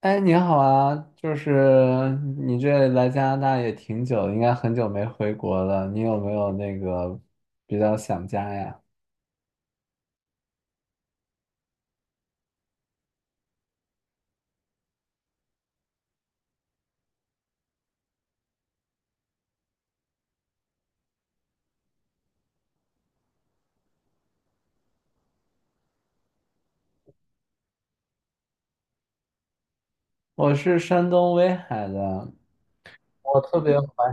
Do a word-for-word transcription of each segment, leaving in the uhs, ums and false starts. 哎，你好啊！就是你这来加拿大也挺久，应该很久没回国了。你有没有那个比较想家呀？我是山东威海的。我特别怀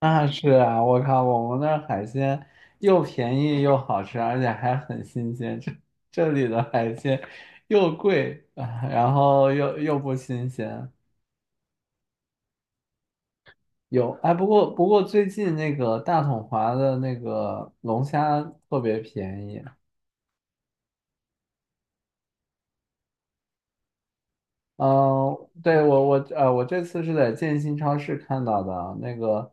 那是啊！我靠，我们那儿海鲜又便宜又好吃，而且还很新鲜。这这里的海鲜又贵啊，然后又又不新鲜。有，哎，不过不过最近那个大统华的那个龙虾特别便宜。嗯，对，我我呃，我这次是在建新超市看到的那个，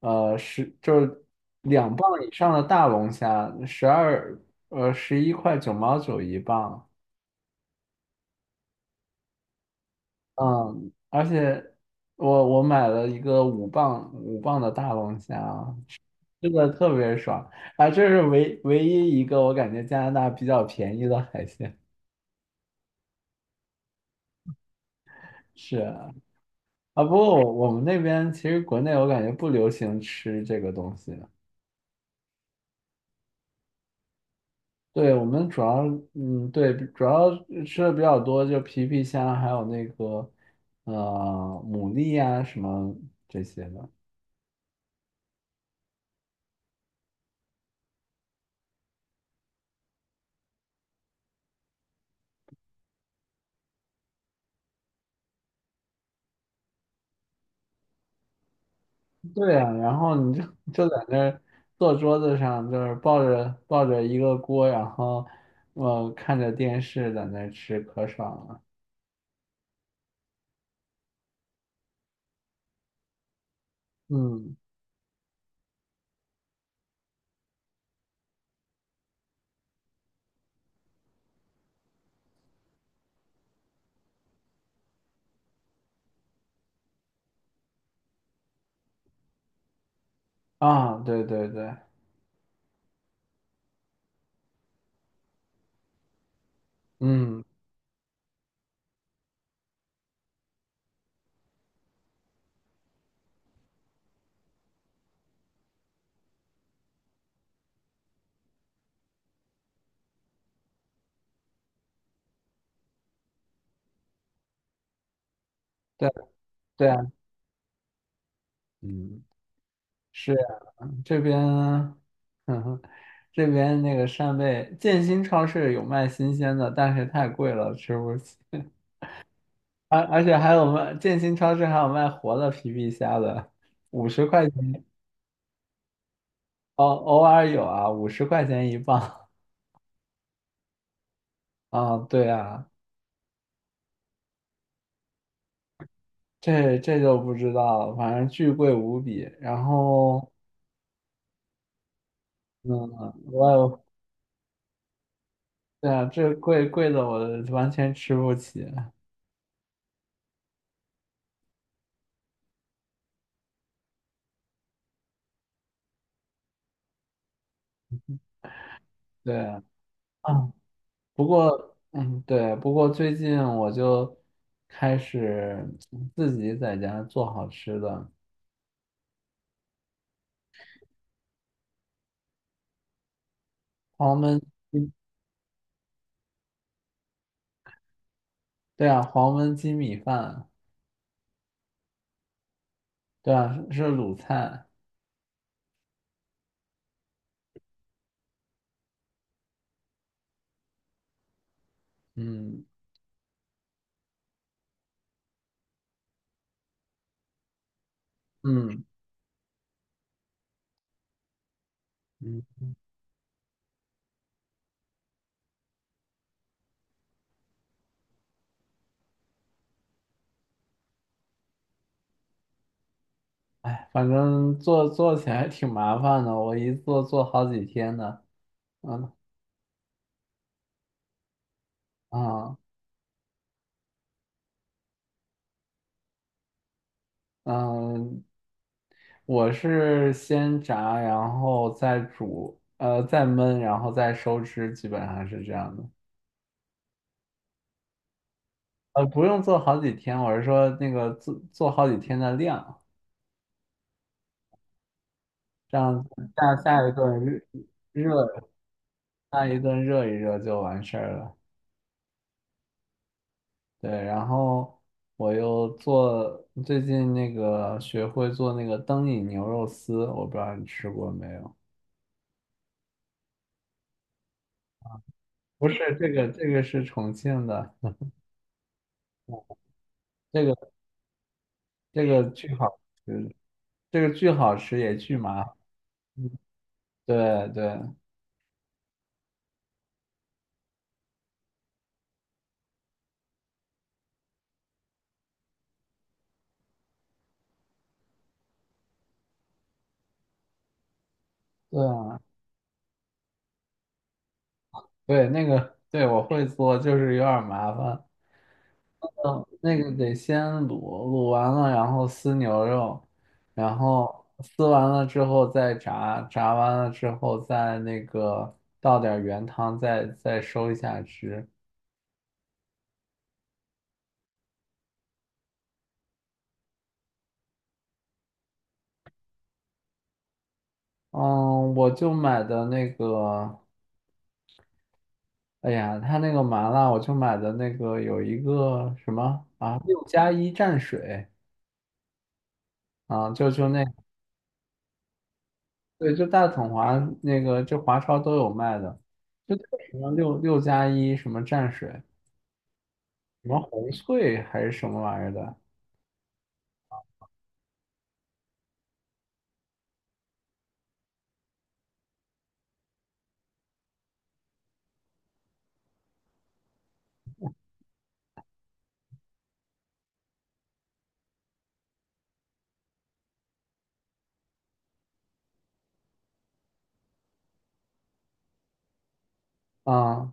呃，十就是两磅以上的大龙虾，十二呃十一块九毛九一磅。嗯，而且我我买了一个五磅五磅的大龙虾，吃的特别爽啊，这是唯唯一一个我感觉加拿大比较便宜的海鲜。是啊，啊不过我我们那边，其实国内我感觉不流行吃这个东西。对，我们主要，嗯，对，主要吃的比较多，就皮皮虾，还有那个，呃，牡蛎啊，什么这些的。对呀，然后你就就在那儿坐桌子上，就是抱着抱着一个锅，然后，呃，看着电视在那儿吃，可爽了。嗯，啊，对对对，嗯，对对啊，嗯。是。这边，嗯哼，这边那个扇贝，建新超市有卖新鲜的，但是太贵了，吃不起。而而且还有卖建新超市还有卖活的皮皮虾的，五十块钱。哦，偶尔有啊，五十块钱一磅。啊，对啊，这这就不知道了，反正巨贵无比。然后，嗯，我有，对啊，这贵贵的我完全吃不起。对啊。啊不过，嗯，对，不过最近我就开始，嗯自己在家做好吃的，黄焖。对啊，黄焖鸡米饭。对啊，是是鲁菜。嗯嗯嗯，哎，反正做做起来挺麻烦的，我一做做好几天呢。嗯嗯嗯，我是先炸，然后再煮，呃，再焖，然后再收汁，基本上是这样的。呃，不用做好几天，我是说那个做做好几天的量。这样下下一顿热热下一顿热一热就完事儿了。对，然后我又做最近那个学会做那个灯影牛肉丝，我不知道你吃过没有？不是这个，这个是重庆的，这个这个巨好吃，这个巨好吃也巨麻烦。对对对啊。对那个对我会做，就是有点儿麻烦。那个得先卤，卤完了然后撕牛肉，然后撕完了之后再炸，炸完了之后再那个倒点儿原汤，再，再收一下汁。嗯，我就买的那个，哎呀，他那个麻辣，我就买的那个有一个什么啊，六加一蘸水啊，就就那。对，就大统华那个，就华超都有卖的，就那个什么六六加一什么蘸水。什么红脆还是什么玩意儿的啊？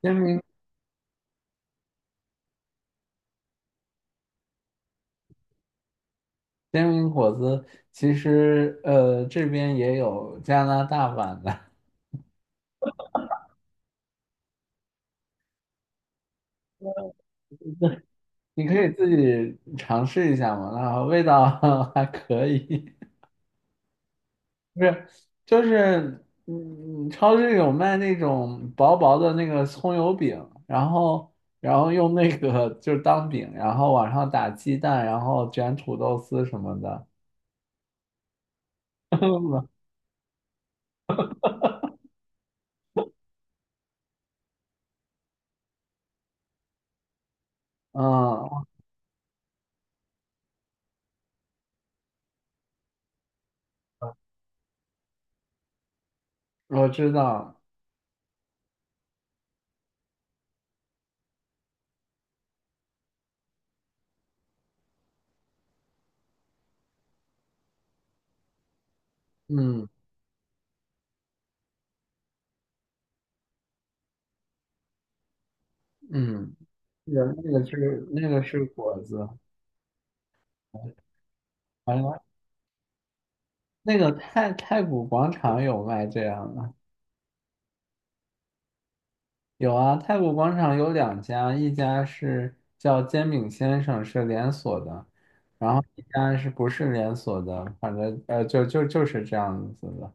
煎饼煎饼果子，其实呃这边也有加拿大版的。你可以自己尝试一下嘛，那味道 还可以。不是就是，嗯，超市有卖那种薄薄的那个葱油饼，然后然后用那个就是当饼，然后往上打鸡蛋，然后卷土豆丝什么的。嗯，我知道，嗯嗯。那个那个是那个是果子。好像那个太太古广场有卖这样的。有啊，太古广场有两家，一家是叫煎饼先生，是连锁的，然后一家是不是连锁的，反正呃就就就是这样子的。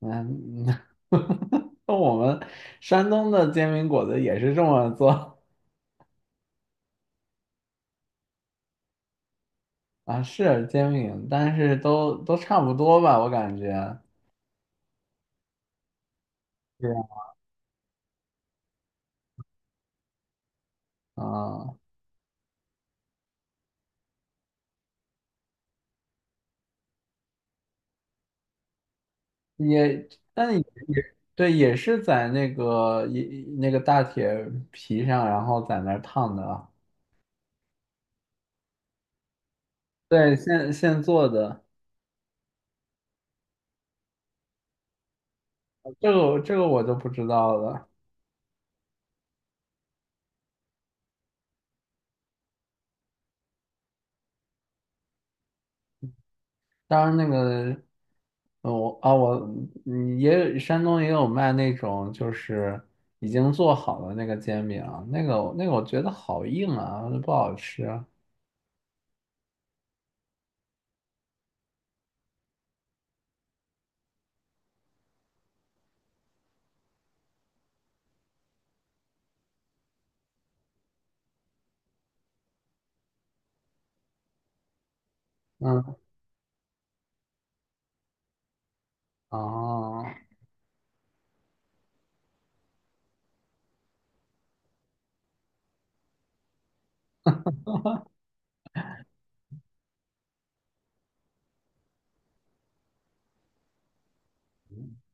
嗯，那我们山东的煎饼果子也是这么做啊。是煎饼，但是都都差不多吧，我感觉。对啊，也，但也也对，也是在那个一那个大铁皮上，然后在那儿烫的啊。对，现现做的。这个这个我就不知道了。当然那个，呃我啊我嗯也有山东也有卖那种就是已经做好的那个煎饼啊，那个那个我觉得好硬啊，不好吃啊。嗯，哦，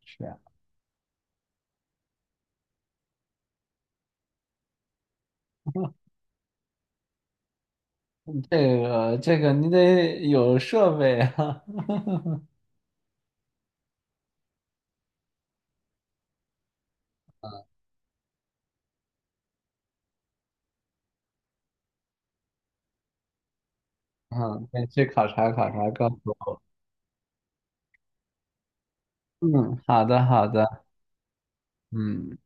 是啊，这个这个你得有设备啊。嗯，可以去考察考察，告诉我。嗯，好的好的，嗯。